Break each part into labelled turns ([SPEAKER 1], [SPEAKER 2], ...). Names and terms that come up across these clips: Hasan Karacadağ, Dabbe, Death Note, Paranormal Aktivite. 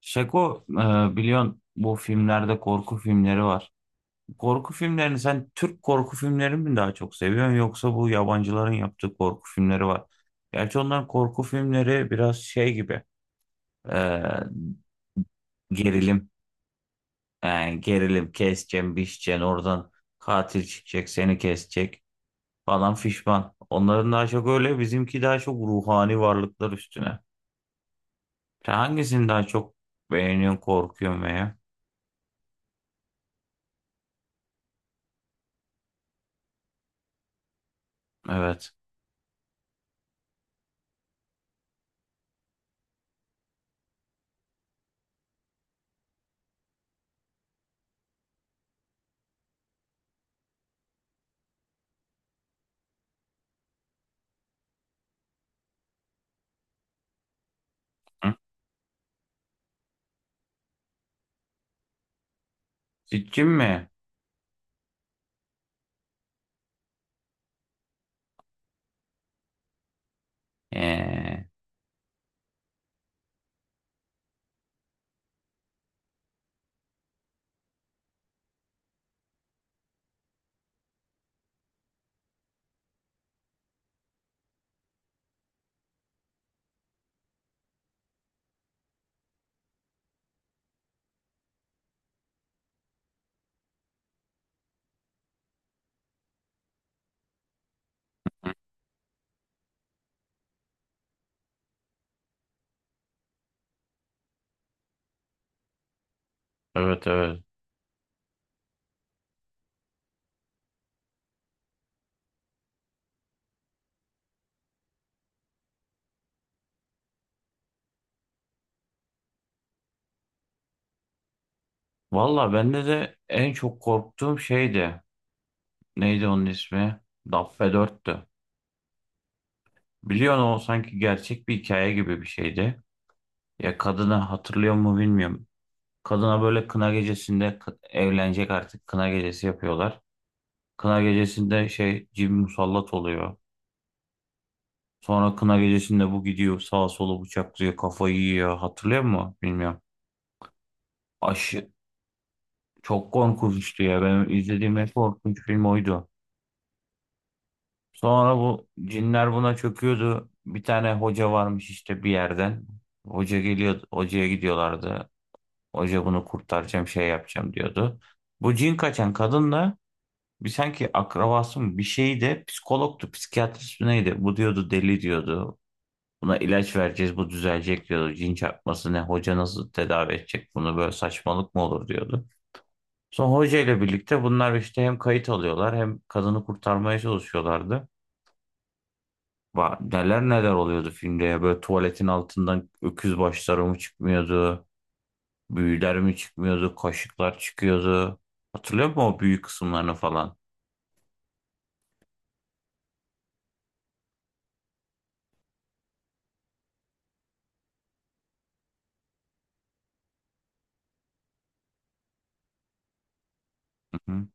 [SPEAKER 1] Şeko biliyorsun bu filmlerde korku filmleri var. Korku filmlerini sen Türk korku filmlerini mi daha çok seviyorsun yoksa bu yabancıların yaptığı korku filmleri var. Gerçi onların korku filmleri biraz şey gibi e, gerilim, yani gerilim keseceksin biçeceksin oradan katil çıkacak seni kesecek falan fişman. Onların daha çok öyle, bizimki daha çok ruhani varlıklar üstüne. Sen hangisini daha çok beğeniyorsun, korkuyorsun veya? Evet. Sitchin mi? Ee, evet evet. Valla bende de en çok korktuğum şeydi. Neydi onun ismi? Dabbe 4'tü. Biliyorsun o sanki gerçek bir hikaye gibi bir şeydi. Ya kadını hatırlıyor mu bilmiyorum. Kadına böyle kına gecesinde evlenecek artık, kına gecesi yapıyorlar. Kına gecesinde şey cin musallat oluyor. Sonra kına gecesinde bu gidiyor sağa solu bıçaklıyor, kafayı yiyor. Hatırlıyor musun? Bilmiyorum. Aşı, Çok korkunçtu ya. Benim izlediğim en korkunç film oydu. Sonra bu cinler buna çöküyordu. Bir tane hoca varmış işte bir yerden. Hoca geliyor, hocaya gidiyorlardı. Hoca bunu kurtaracağım, şey yapacağım diyordu. Bu cin kaçan kadınla bir sanki akrabası mı bir şeyi de psikologtu, psikiyatrist mi neydi? Bu diyordu deli diyordu. Buna ilaç vereceğiz, bu düzelecek diyordu. Cin çarpması ne, hoca nasıl tedavi edecek bunu, böyle saçmalık mı olur diyordu. Sonra hoca ile birlikte bunlar işte hem kayıt alıyorlar hem kadını kurtarmaya çalışıyorlardı. Neler neler oluyordu filmde ya. Böyle tuvaletin altından öküz başları mı çıkmıyordu? Büyüler mi çıkmıyordu? Kaşıklar çıkıyordu. Hatırlıyor musun o büyük kısımlarını falan? Hı hı.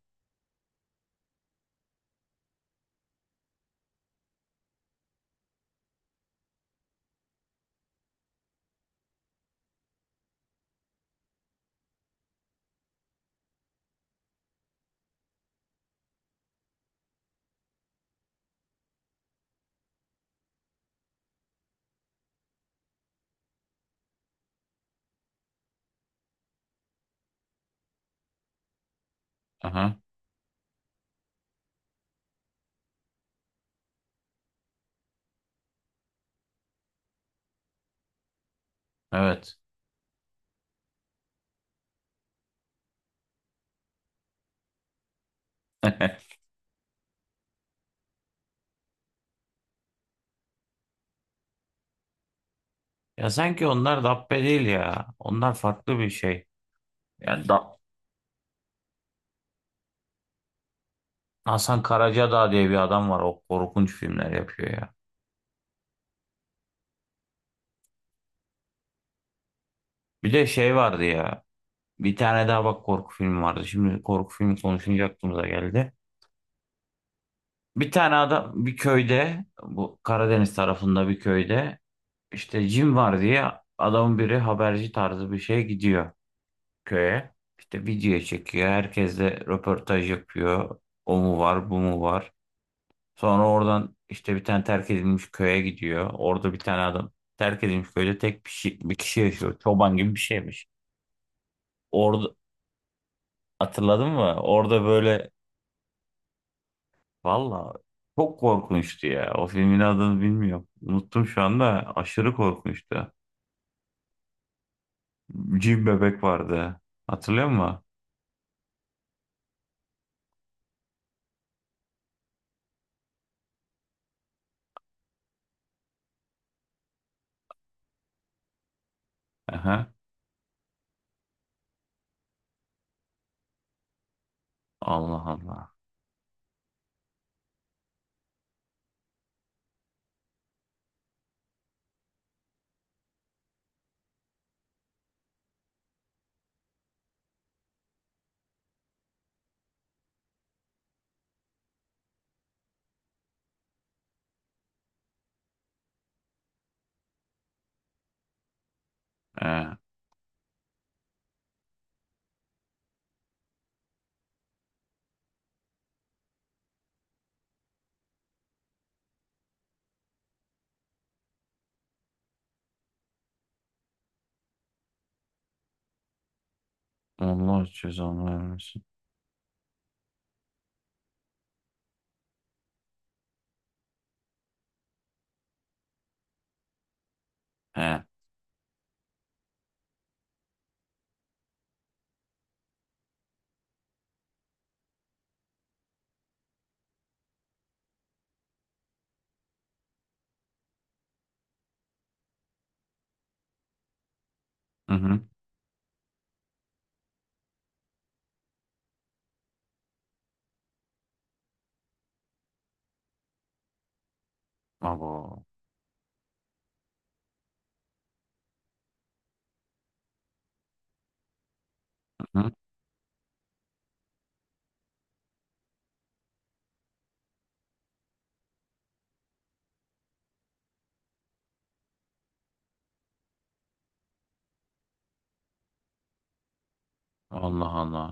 [SPEAKER 1] Aha, evet. Ya sanki onlar Dabbe değil ya. Onlar farklı bir şey. Yani da Hasan Karacadağ diye bir adam var. O korkunç filmler yapıyor ya. Bir de şey vardı ya. Bir tane daha bak, korku filmi vardı. Şimdi korku filmi konuşunca aklımıza geldi. Bir tane adam bir köyde, bu Karadeniz tarafında bir köyde işte cin var diye adamın biri haberci tarzı bir şeye gidiyor köye. İşte video çekiyor. Herkesle röportaj yapıyor. O mu var, bu mu var. Sonra oradan işte bir tane terk edilmiş köye gidiyor. Orada bir tane adam, terk edilmiş köyde tek bir, şey, bir kişi yaşıyor. Çoban gibi bir şeymiş. Orada hatırladın mı? Orada böyle Valla çok korkunçtu ya. O filmin adını bilmiyorum. Unuttum şu anda. Aşırı korkunçtu. Cin bebek vardı. Hatırlıyor musun? Aha. Allah Allah. He. Allah cezanı vermesin. He. Hı hı. Abo. Hı hı. Allah Allah.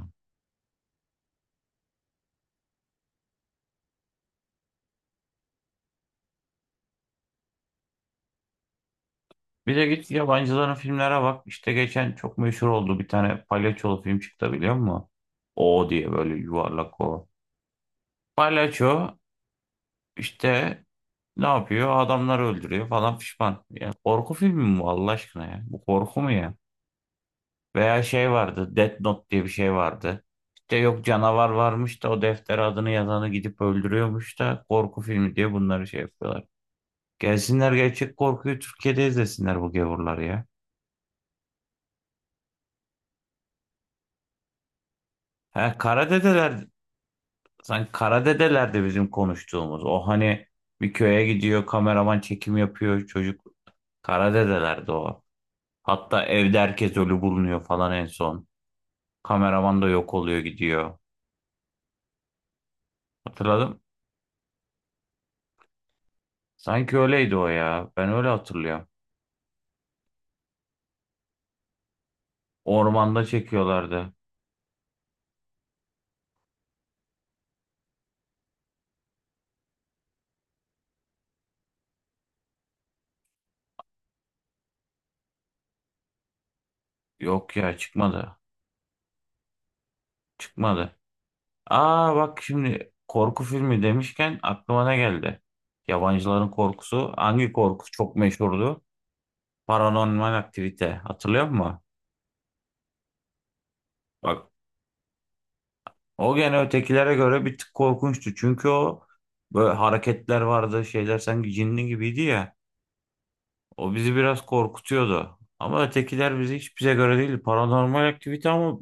[SPEAKER 1] Bir de git yabancıların filmlere bak. İşte geçen çok meşhur oldu. Bir tane palyaçolu film çıktı biliyor musun? O diye böyle yuvarlak o. Palyaço işte Ne yapıyor? Adamları öldürüyor falan pişman. Ya korku filmi mi bu Allah aşkına ya? Bu korku mu ya? Veya şey vardı. Death Note diye bir şey vardı. İşte yok canavar varmış da o defter adını yazanı gidip öldürüyormuş da korku filmi diye bunları şey yapıyorlar. Gelsinler gerçek korkuyu Türkiye'de izlesinler bu gavurlar ya. Ha, Karadedeler, dedeler sanki kara de bizim konuştuğumuz. O hani bir köye gidiyor, kameraman çekim yapıyor çocuk. Kara de o. Hatta evde herkes ölü bulunuyor falan en son. Kameraman da yok oluyor gidiyor. Hatırladım. Sanki öyleydi o ya. Ben öyle hatırlıyorum. Ormanda çekiyorlardı. Yok ya, çıkmadı. Çıkmadı. Aa bak, şimdi korku filmi demişken aklıma ne geldi? Yabancıların korkusu. Hangi korku çok meşhurdu? Paranormal aktivite. Hatırlıyor musun? Bak, o gene ötekilere göre bir tık korkunçtu. Çünkü o böyle hareketler vardı. Şeyler sanki cinli gibiydi ya. O bizi biraz korkutuyordu. Ama ötekiler bizi hiç, bize göre değildi. Paranormal aktivite ama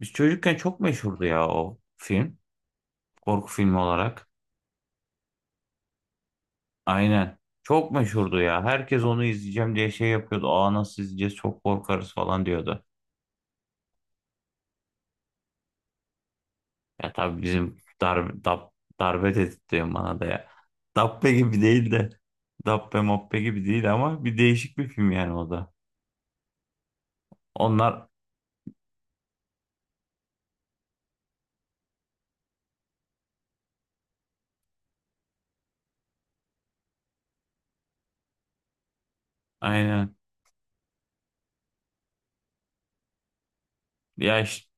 [SPEAKER 1] biz çocukken çok meşhurdu ya o film. Korku filmi olarak. Aynen. Çok meşhurdu ya. Herkes onu izleyeceğim diye şey yapıyordu. Aa nasıl izleyeceğiz çok korkarız falan diyordu. Ya tabii bizim darbe, dap, darbe dedirtiyor bana da ya. Dabbe gibi değil de. Dabbe mabbe gibi değil ama bir değişik bir film yani o da. Onlar aynen. Yaş,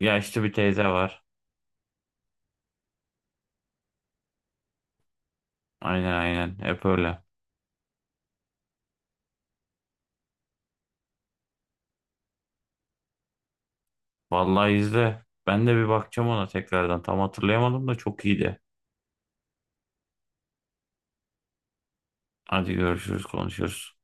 [SPEAKER 1] yaşlı bir teyze var. Aynen aynen, hep öyle. Vallahi izle. Ben de bir bakacağım ona tekrardan. Tam hatırlayamadım da çok iyiydi. Hadi görüşürüz, konuşuruz.